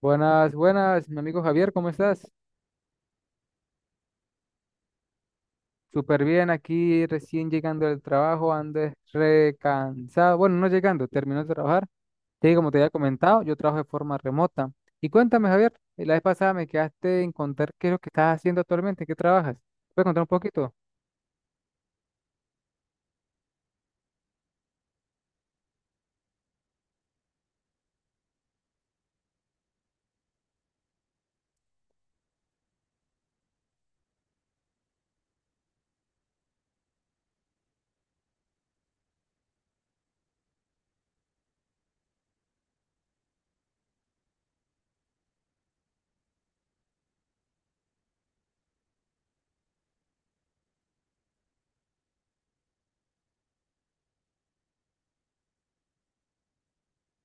Buenas, buenas, mi amigo Javier, ¿cómo estás? Súper bien, aquí recién llegando del trabajo, ando es recansado. Bueno, no llegando, terminó de trabajar. Sí, como te había comentado, yo trabajo de forma remota. Y cuéntame, Javier, la vez pasada me quedaste en contar qué es lo que estás haciendo actualmente, qué trabajas. ¿Puedes contar un poquito?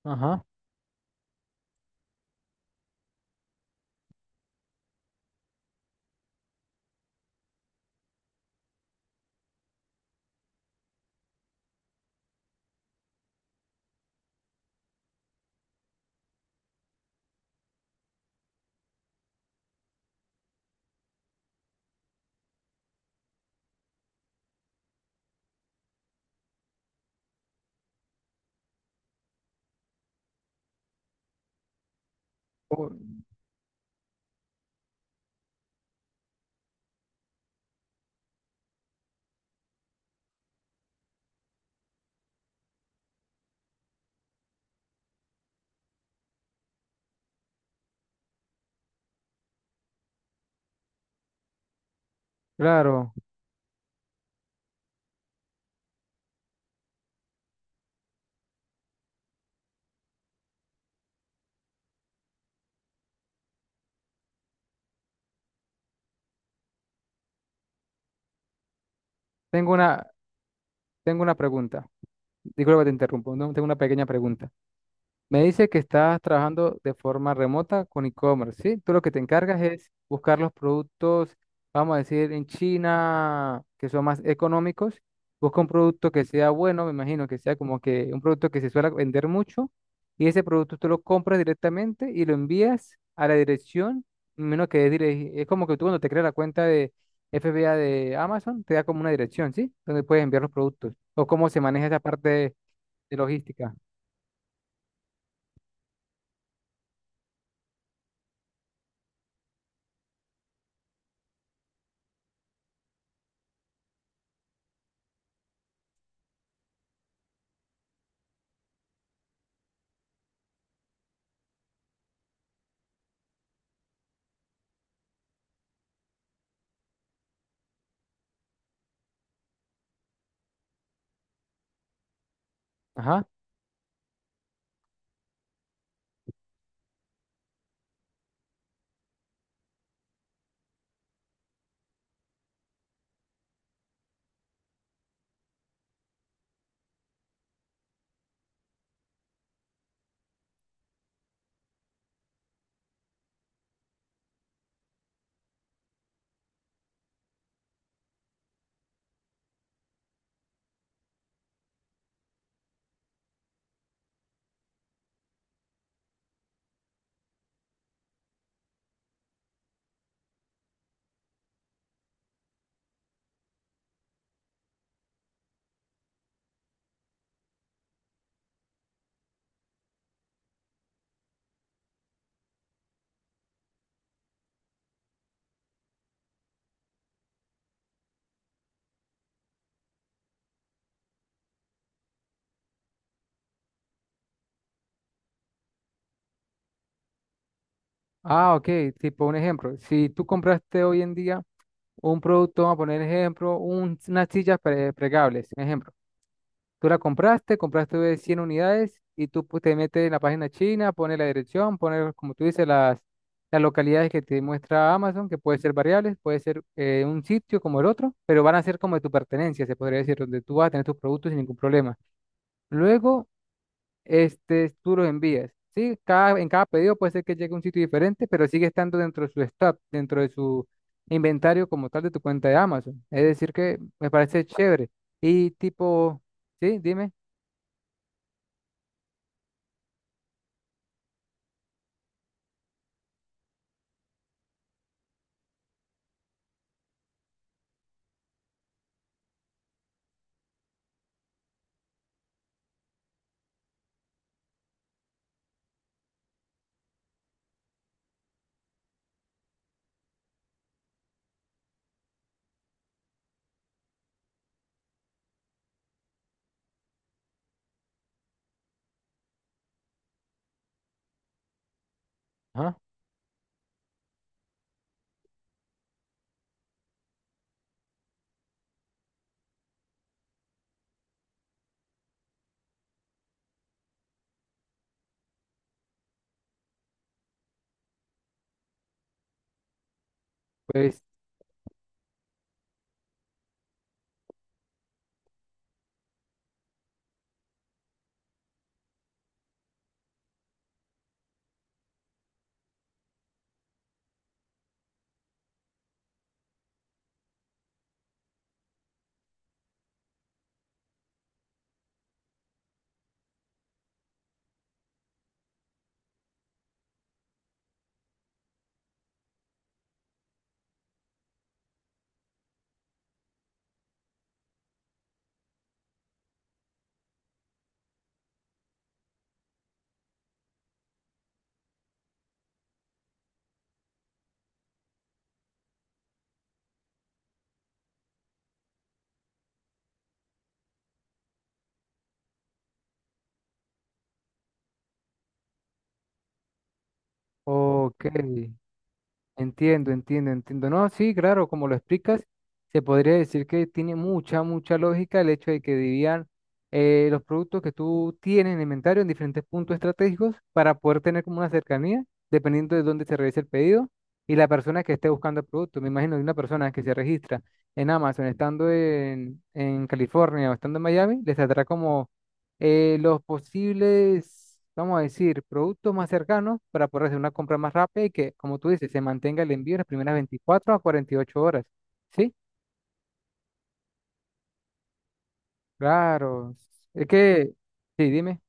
Ajá. Oh, claro, tengo una, tengo una pregunta. Disculpa que te interrumpo, no, tengo una pequeña pregunta. Me dice que estás trabajando de forma remota con e-commerce, ¿sí? Tú lo que te encargas es buscar los productos, vamos a decir, en China, que son más económicos. Busca un producto que sea bueno, me imagino que sea como que un producto que se suele vender mucho, y ese producto tú lo compras directamente y lo envías a la dirección, menos que es, es como que tú cuando te creas la cuenta de FBA de Amazon, te da como una dirección, ¿sí? Donde puedes enviar los productos, o cómo se maneja esa parte de logística. Ajá. Ah, ok, tipo un ejemplo. Si tú compraste hoy en día un producto, vamos a poner ejemplo, unas sillas plegables, un ejemplo. Tú la compraste, compraste 100 unidades y tú pues, te metes en la página china, pones la dirección, pones, como tú dices, las localidades que te muestra Amazon, que puede ser variables, puede ser un sitio como el otro, pero van a ser como de tu pertenencia, se podría decir, donde tú vas a tener tus productos sin ningún problema. Luego tú los envías. Sí, cada, en cada pedido puede ser que llegue a un sitio diferente, pero sigue estando dentro de su stock, dentro de su inventario como tal de tu cuenta de Amazon. Es decir, que me parece chévere. Y tipo, sí, dime. Ajá. Pues, ok. Entiendo, entiendo, entiendo. No, sí, claro, como lo explicas, se podría decir que tiene mucha, mucha lógica el hecho de que dividan los productos que tú tienes en inventario en diferentes puntos estratégicos para poder tener como una cercanía, dependiendo de dónde se realice el pedido y la persona que esté buscando el producto. Me imagino que una persona que se registra en Amazon estando en California o estando en Miami, les saldrá como los posibles, vamos a decir, productos más cercanos para poder hacer una compra más rápida y que, como tú dices, se mantenga el envío en las primeras 24 a 48 horas. ¿Sí? Claro. Es que, sí, dime,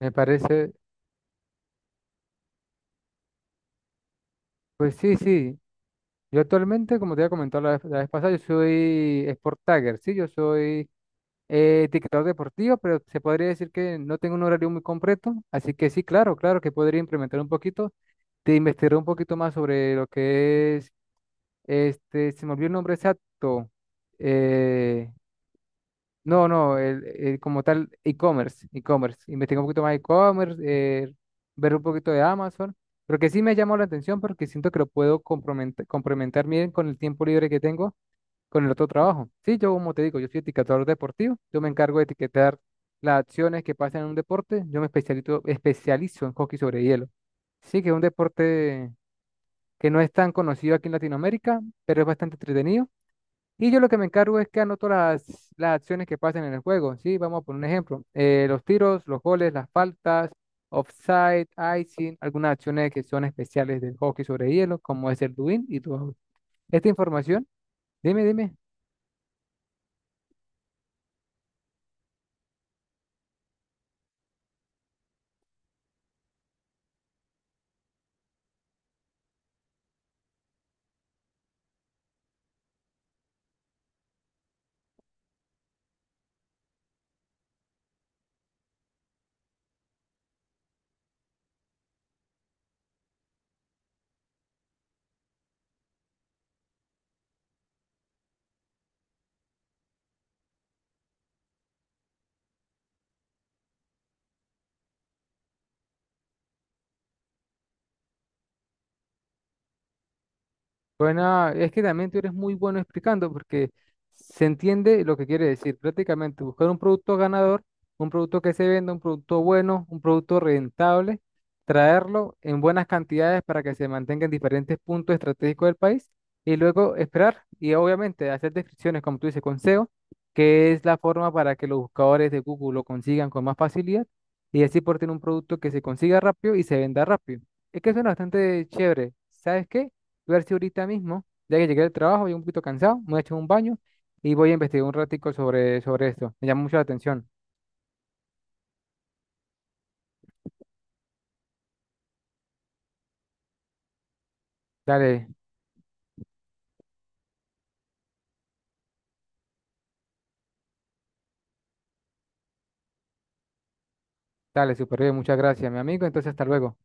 me parece, pues sí, sí. Yo actualmente, como te había comentado la vez pasada, yo soy Sport Tagger, sí, yo soy etiquetador deportivo, pero se podría decir que no tengo un horario muy completo, así que sí, claro, claro que podría implementar un poquito te investigar un poquito más sobre lo que es. Se me olvidó el nombre exacto. Eh, no, no, el como tal, e-commerce, e-commerce. Investigar un poquito más de e-commerce, ver un poquito de Amazon. Pero que sí me llamó la atención porque siento que lo puedo complementar bien con el tiempo libre que tengo con el otro trabajo. Sí, yo como te digo, yo soy etiquetador deportivo, yo me encargo de etiquetar las acciones que pasan en un deporte, yo me especializo en hockey sobre hielo. Sí, que es un deporte que no es tan conocido aquí en Latinoamérica, pero es bastante entretenido y yo lo que me encargo es que anoto las acciones que pasan en el juego. Sí, vamos a poner un ejemplo. Los tiros, los goles, las faltas, offside, icing, algunas acciones que son especiales del hockey sobre hielo, como es el doing y todo. Esta información, dime, dime. Bueno, es que también tú eres muy bueno explicando porque se entiende lo que quiere decir. Prácticamente buscar un producto ganador, un producto que se venda, un producto bueno, un producto rentable, traerlo en buenas cantidades para que se mantenga en diferentes puntos estratégicos del país y luego esperar y obviamente hacer descripciones, como tú dices, con SEO, que es la forma para que los buscadores de Google lo consigan con más facilidad y así por tener un producto que se consiga rápido y se venda rápido. Es que suena bastante chévere. ¿Sabes qué? Voy a ver si ahorita mismo, ya que llegué del trabajo, voy un poquito cansado, me voy a echar un baño y voy a investigar un ratico sobre esto. Me llama mucho la atención. Dale, dale, súper bien, muchas gracias, mi amigo. Entonces, hasta luego.